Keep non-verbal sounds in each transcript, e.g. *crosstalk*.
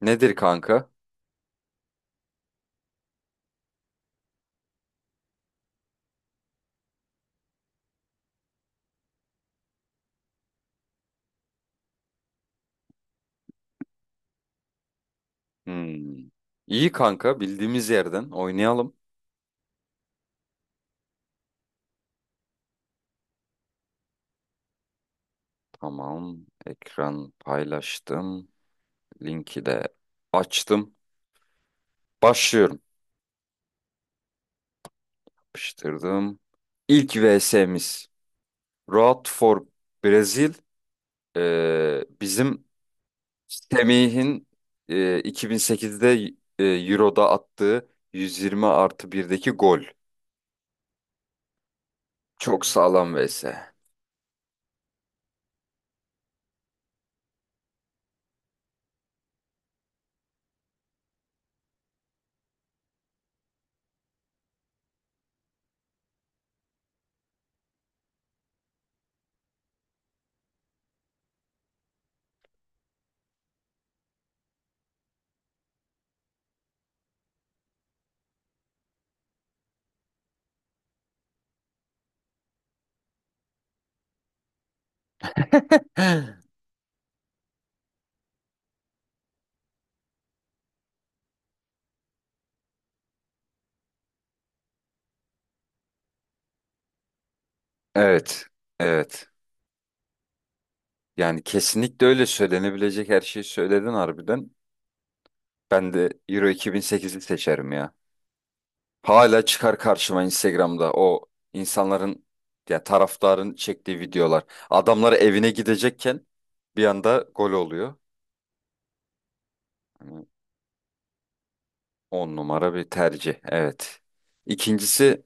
Nedir kanka? Hmm. İyi kanka bildiğimiz yerden oynayalım. Tamam. Ekran paylaştım. Linki de açtım. Başlıyorum. Yapıştırdım. İlk VS'miz. Road for Brazil. Bizim Semih'in 2008'de Euro'da attığı 120 artı birdeki gol. Çok sağlam VS. *gasps* Evet. Evet. Yani kesinlikle öyle söylenebilecek her şeyi söyledin harbiden. Ben de Euro 2008'i seçerim ya. Hala çıkar karşıma Instagram'da o insanların ya taraftarın çektiği videolar. Adamlar evine gidecekken bir anda gol oluyor. Hani on numara bir tercih. Evet. İkincisi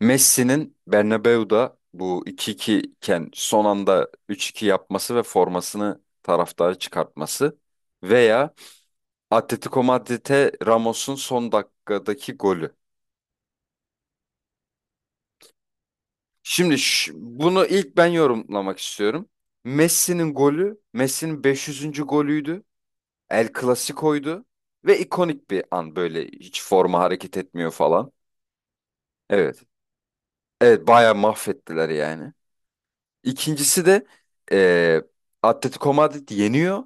Messi'nin Bernabeu'da bu 2-2 iken son anda 3-2 yapması ve formasını taraftara çıkartması veya Atletico Madrid'e Ramos'un son dakikadaki golü. Şimdi bunu ilk ben yorumlamak istiyorum. Messi'nin golü, Messi'nin 500. golüydü. El Clasico'ydu ve ikonik bir an böyle hiç forma hareket etmiyor falan. Evet. Evet bayağı mahvettiler yani. İkincisi de eee Atletico Madrid yeniyor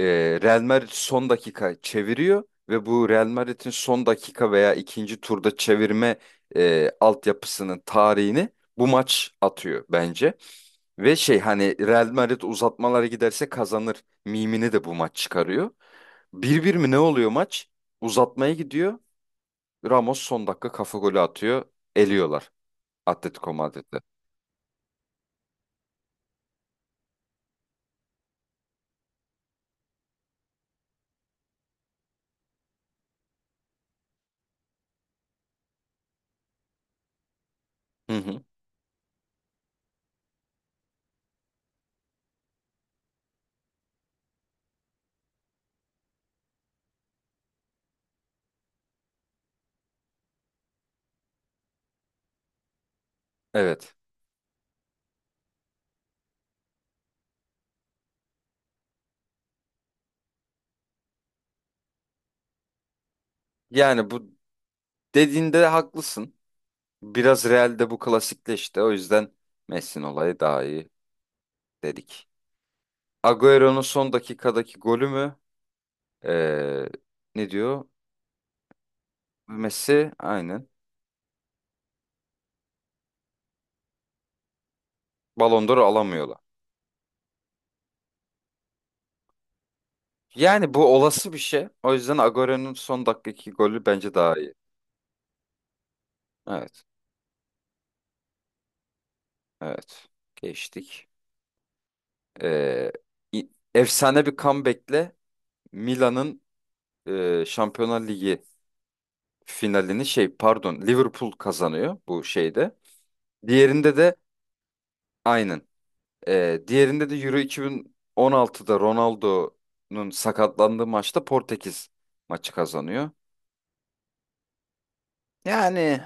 e, Real Madrid son dakika çeviriyor ve bu Real Madrid'in son dakika veya ikinci turda çevirme altyapısının tarihini bu maç atıyor bence. Ve şey hani Real Madrid uzatmalara giderse kazanır mimini de bu maç çıkarıyor. 1-1 mi ne oluyor maç? Uzatmaya gidiyor. Ramos son dakika kafa golü atıyor. Eliyorlar Atletico Madrid'i. Hı hı. Evet. Yani bu dediğinde haklısın. Biraz Real'de bu klasikleşti. O yüzden Messi'nin olayı daha iyi dedik. Agüero'nun son dakikadaki golü mü? Ee, ne diyor? Messi aynen. Ballon d'Or alamıyorlar. Yani bu olası bir şey. O yüzden Agüero'nun son dakikadaki golü bence daha iyi. Evet. Evet. Geçtik. Ee, Efsane bir comeback'le Milan'ın Şampiyonlar Ligi finalini şey pardon Liverpool kazanıyor bu şeyde. Diğerinde de aynen. Diğerinde de Euro 2016'da Ronaldo'nun sakatlandığı maçta Portekiz maçı kazanıyor. Yani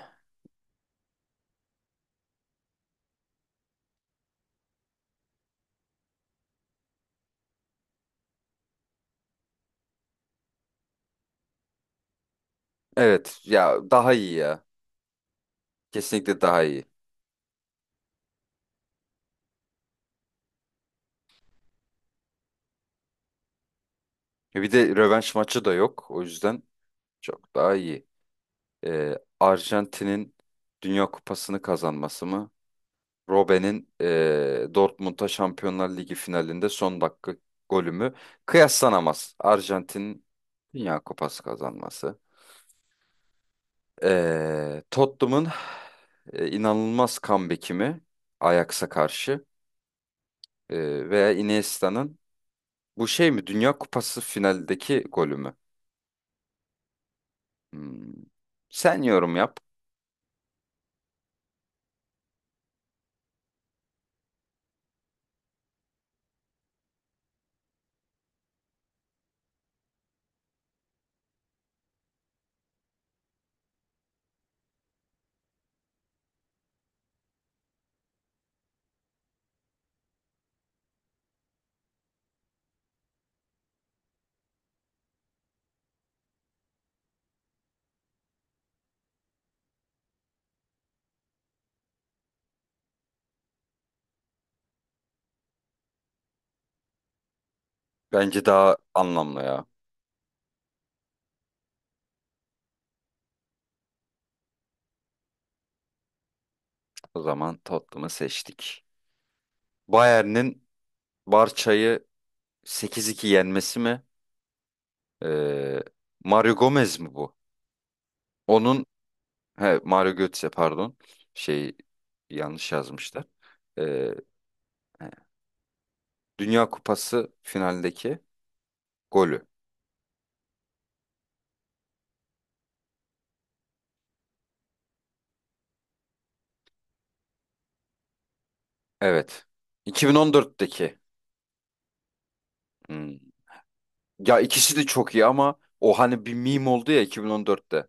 evet ya daha iyi ya. Kesinlikle daha iyi. Bir de rövanş maçı da yok. O yüzden çok daha iyi. Arjantin'in Dünya Kupası'nı kazanması mı? Robben'in Dortmund'a Şampiyonlar Ligi finalinde son dakika golü mü? Kıyaslanamaz. Arjantin'in Dünya Kupası kazanması. Tottenham'ın inanılmaz comeback'i mi Ajax'a karşı? Veya Iniesta'nın bu şey mi Dünya Kupası finaldeki golü mü? Hmm. Sen yorum yap. Bence daha anlamlı ya. O zaman Tottenham'ı seçtik. Bayern'in Barça'yı 8-2 yenmesi mi? Ee, Mario Gomez mi bu? Onun he, Mario Götze pardon. Şey yanlış yazmışlar. Ee, Dünya Kupası finaldeki golü. Evet. 2014'teki. Hmm. Ya ikisi de çok iyi ama o hani bir meme oldu ya 2014'te.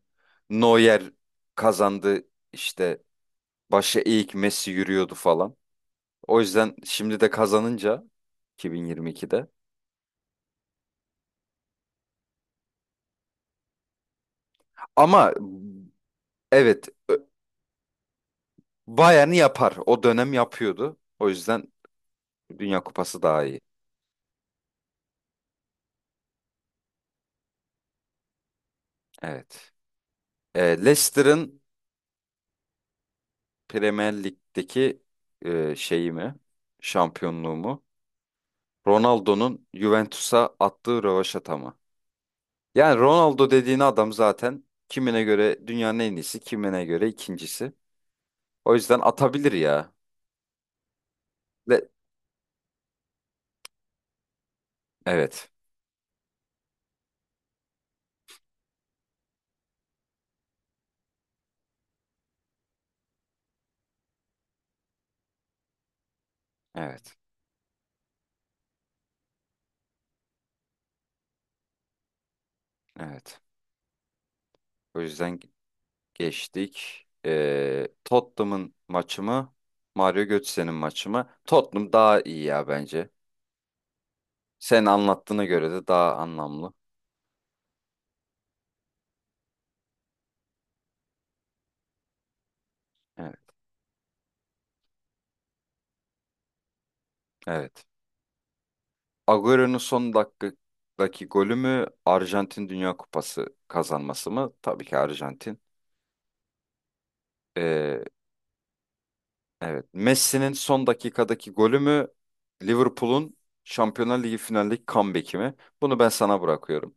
Neuer kazandı işte başı eğik Messi yürüyordu falan. O yüzden şimdi de kazanınca 2022'de. Ama evet Bayern'i yapar. O dönem yapıyordu. O yüzden Dünya Kupası daha iyi. Evet. Leicester'ın Premier Lig'deki şeyimi, şampiyonluğumu, Ronaldo'nun Juventus'a attığı rövaşata mı? Yani Ronaldo dediğin adam zaten kimine göre dünyanın en iyisi, kimine göre ikincisi. O yüzden atabilir ya. Ve- evet, evet, evet. O yüzden geçtik. Tottenham'ın maçı mı? Mario Götze'nin maçı mı? Tottenham daha iyi ya bence. Sen anlattığına göre de daha anlamlı. Evet, evet. Agüero'nun son dakikadaki golü mü Arjantin Dünya Kupası kazanması mı? Tabii ki Arjantin. Ee, evet. Messi'nin son dakikadaki golü mü Liverpool'un Şampiyonlar Ligi finaldeki comeback'i mi? Bunu ben sana bırakıyorum.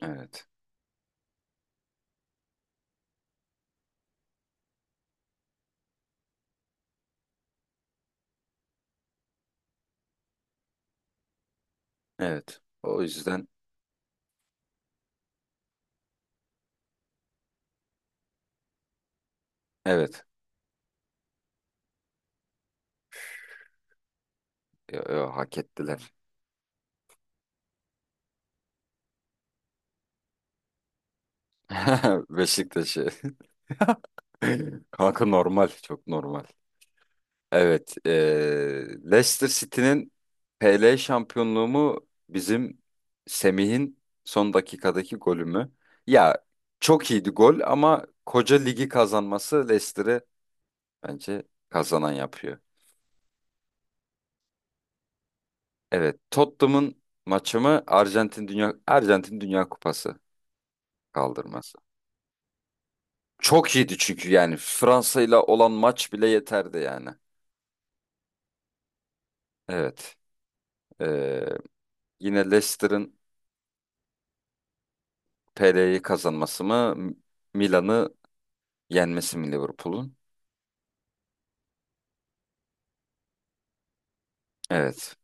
Evet. Evet. O yüzden evet. Yo, yo, hak ettiler. *laughs* Beşiktaş'ı. *laughs* Kanka normal. Çok normal. Evet, Leicester City'nin PL şampiyonluğu mu bizim Semih'in son dakikadaki golü mü? Ya çok iyiydi gol ama koca ligi kazanması Leicester'ı bence kazanan yapıyor. Evet, Tottenham'ın maçı mı Arjantin Dünya Kupası kaldırması? Çok iyiydi çünkü yani Fransa ile olan maç bile yeterdi yani. Evet, eee, yine Leicester'ın PL'yi kazanması mı? Milan'ı yenmesi mi Liverpool'un? Evet.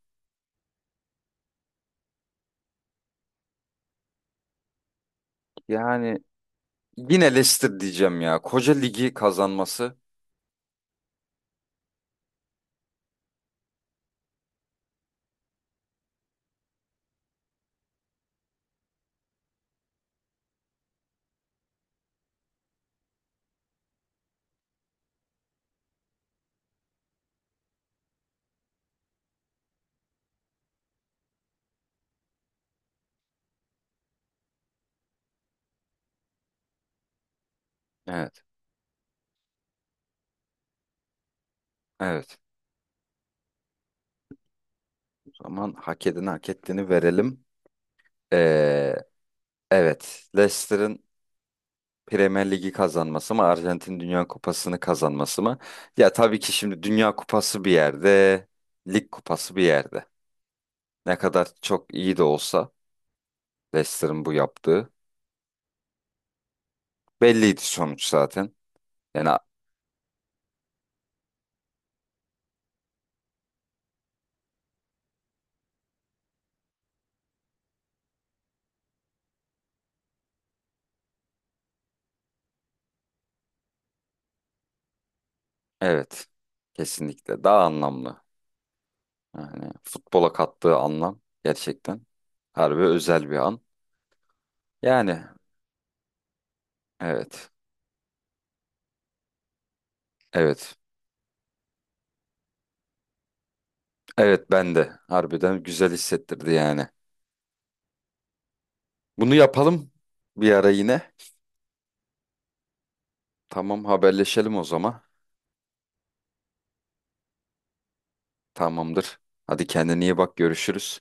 Yani yine Leicester diyeceğim ya. Koca ligi kazanması. Evet. Evet. O zaman hak edeni hak ettiğini verelim. Ee, evet. Leicester'ın Premier Ligi kazanması mı? Arjantin Dünya Kupası'nı kazanması mı? Ya tabii ki şimdi Dünya Kupası bir yerde, Lig Kupası bir yerde. Ne kadar çok iyi de olsa Leicester'ın bu yaptığı belliydi sonuç zaten. Yani evet. Kesinlikle daha anlamlı. Yani futbola kattığı anlam gerçekten harbi özel bir an. Yani evet. Evet. Evet ben de harbiden güzel hissettirdi yani. Bunu yapalım bir ara yine. Tamam haberleşelim o zaman. Tamamdır. Hadi kendine iyi bak görüşürüz.